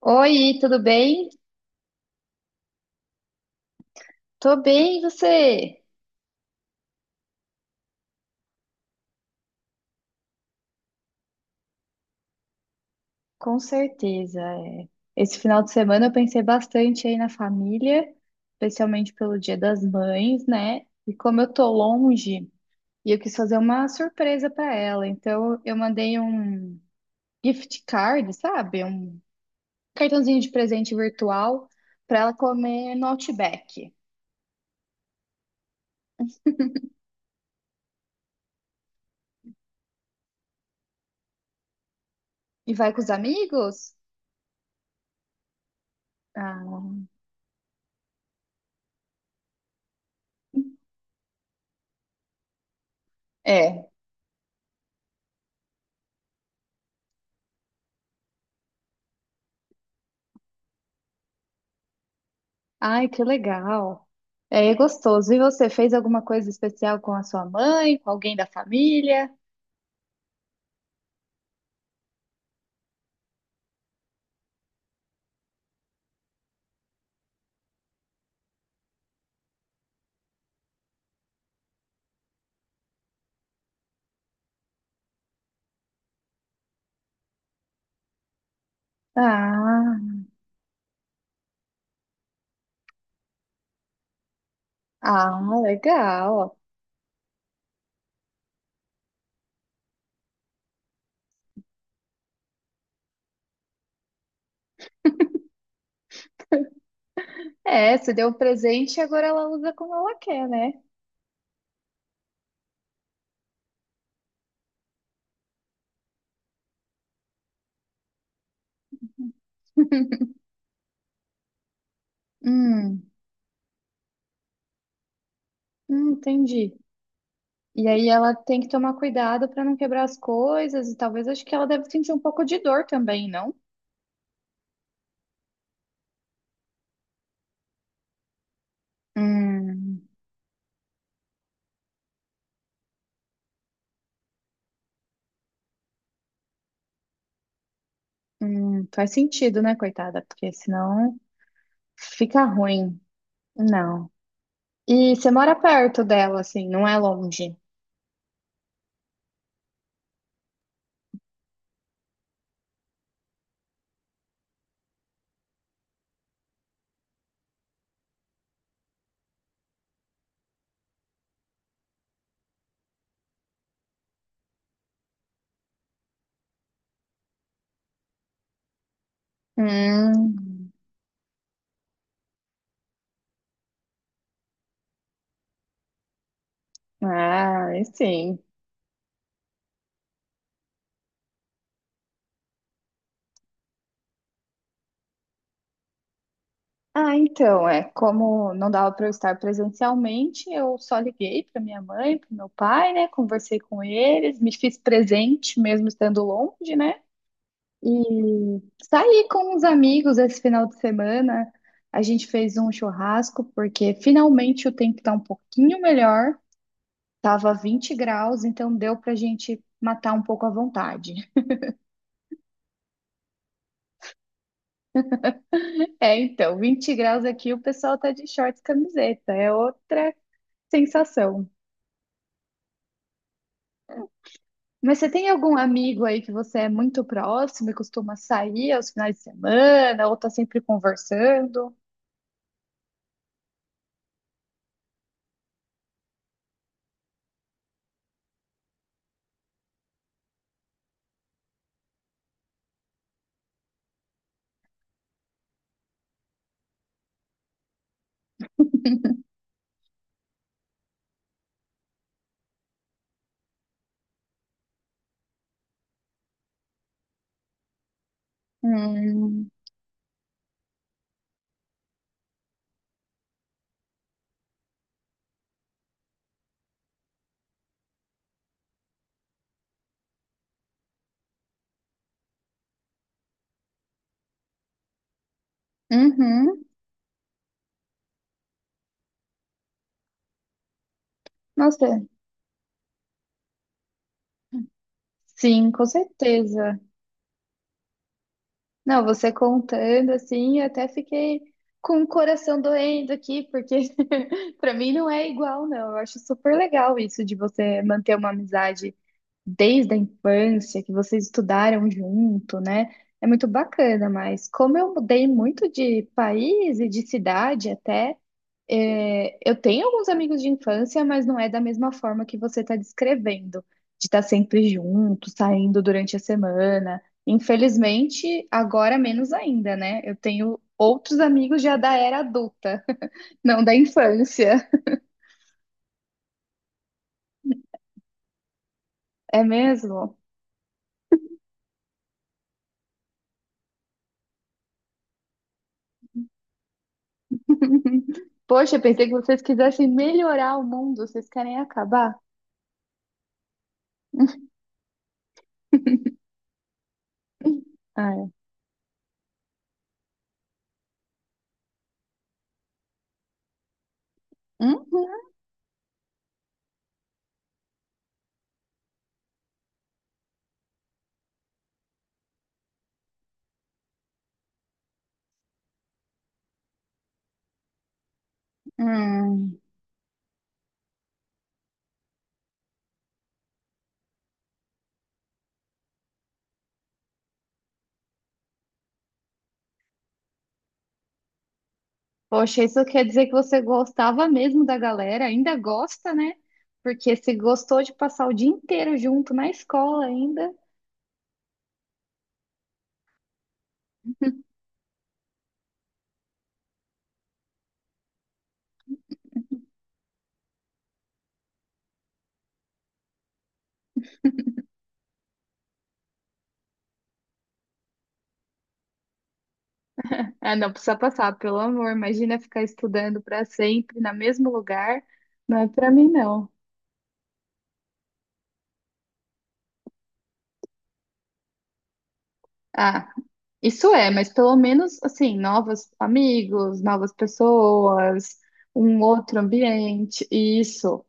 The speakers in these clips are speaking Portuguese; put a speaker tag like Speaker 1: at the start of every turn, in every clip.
Speaker 1: Oi, tudo bem? Tô bem, e você? Com certeza. É. Esse final de semana eu pensei bastante aí na família, especialmente pelo Dia das Mães, né? E como eu tô longe, e eu quis fazer uma surpresa pra ela, então eu mandei um gift card, sabe? Um cartãozinho de presente virtual pra ela comer no Outback. E vai com os amigos? Ah, é. Ai, que legal. É gostoso. E você fez alguma coisa especial com a sua mãe, com alguém da família? Ah, ah, legal. É, você deu o presente e agora ela usa como ela quer, né? Hum, entendi. E aí ela tem que tomar cuidado para não quebrar as coisas e talvez acho que ela deve sentir um pouco de dor também, não? Hum, faz sentido, né, coitada? Porque senão fica ruim. Não. E você mora perto dela, assim, não é longe. Hum, ah, aí sim. Ah, então, é, como não dava para eu estar presencialmente, eu só liguei para minha mãe, para meu pai, né? Conversei com eles, me fiz presente mesmo estando longe, né? E saí com uns amigos esse final de semana. A gente fez um churrasco porque finalmente o tempo tá um pouquinho melhor. Tava 20 graus, então deu pra gente matar um pouco à vontade. É, então, 20 graus aqui, o pessoal tá de shorts e camiseta, é outra sensação. Mas você tem algum amigo aí que você é muito próximo e costuma sair aos finais de semana, ou tá sempre conversando? Hum, uhum, nossa, sim, com certeza. Não, você contando assim, eu até fiquei com o coração doendo aqui, porque pra mim não é igual, não. Eu acho super legal isso de você manter uma amizade desde a infância, que vocês estudaram junto, né? É muito bacana, mas como eu mudei muito de país e de cidade até, é, eu tenho alguns amigos de infância, mas não é da mesma forma que você está descrevendo, de estar sempre junto, saindo durante a semana. Infelizmente, agora menos ainda, né? Eu tenho outros amigos já da era adulta, não da infância. É mesmo? Poxa, pensei que vocês quisessem melhorar o mundo, vocês querem acabar? Ah, é. Uhum. Hum. Poxa, isso quer dizer que você gostava mesmo da galera, ainda gosta, né? Porque se gostou de passar o dia inteiro junto na escola ainda. Ah, não precisa passar, pelo amor. Imagina ficar estudando para sempre no mesmo lugar. Não é para mim, não. Ah, isso é, mas pelo menos, assim, novos amigos, novas pessoas, um outro ambiente, isso.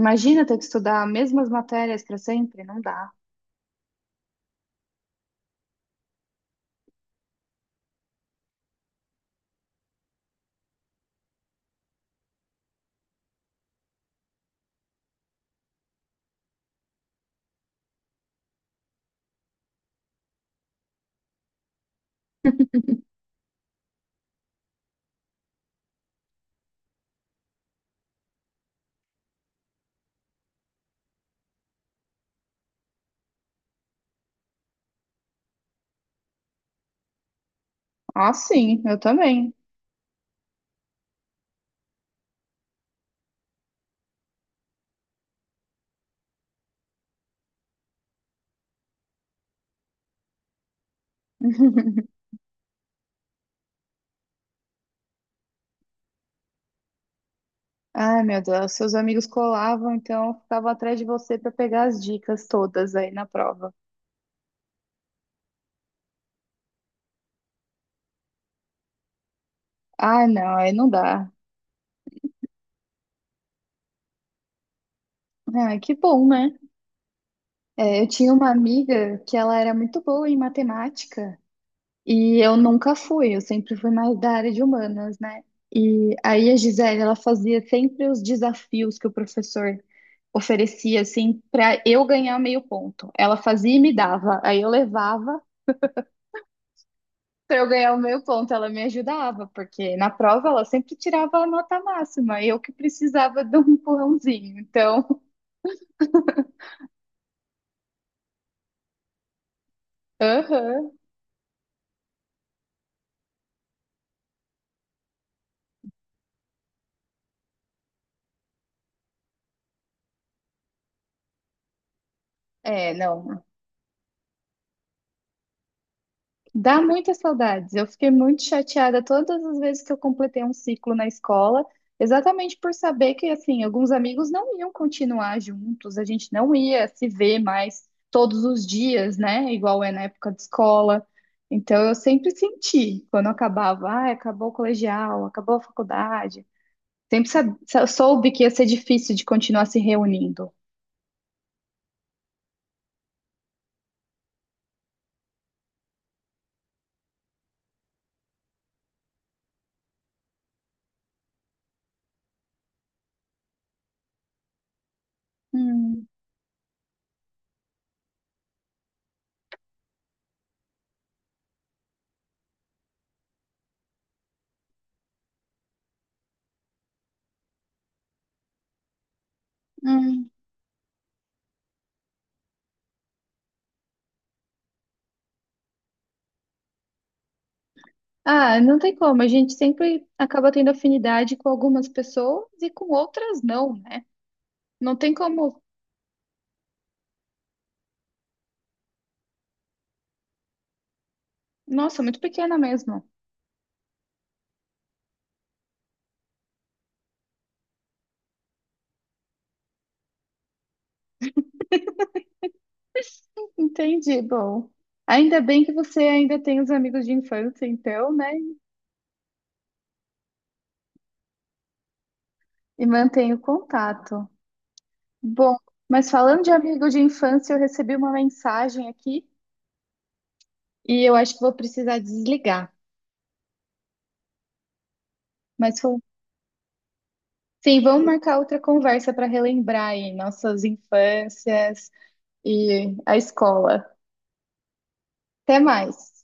Speaker 1: Imagina ter que estudar as mesmas matérias para sempre, não dá. Ah, sim, eu também. Ai, meu Deus, seus amigos colavam, então eu ficava atrás de você para pegar as dicas todas aí na prova. Ah, não, aí não dá. Ah, que bom, né? É, eu tinha uma amiga que ela era muito boa em matemática e eu nunca fui, eu sempre fui mais da área de humanas, né? E aí a Gisele, ela fazia sempre os desafios que o professor oferecia, assim, para eu ganhar meio ponto. Ela fazia e me dava, aí eu levava. Para eu ganhar o meu ponto, ela me ajudava, porque na prova ela sempre tirava a nota máxima, eu que precisava de um empurrãozinho. Então, aham, é, não, dá muitas saudades. Eu fiquei muito chateada todas as vezes que eu completei um ciclo na escola, exatamente por saber que, assim, alguns amigos não iam continuar juntos, a gente não ia se ver mais todos os dias, né? Igual é na época de escola. Então, eu sempre senti, quando acabava, ah, acabou o colegial, acabou a faculdade. Sempre soube que ia ser difícil de continuar se reunindo. Hum, hum. Ah, não tem como. A gente sempre acaba tendo afinidade com algumas pessoas e com outras não, né? Não tem como. Nossa, muito pequena mesmo. Entendi. Bom, ainda bem que você ainda tem os amigos de infância, então, né? E mantém o contato. Bom, mas falando de amigo de infância, eu recebi uma mensagem aqui e eu acho que vou precisar desligar. Mas foi sim, vamos marcar outra conversa para relembrar aí nossas infâncias e a escola. Até mais.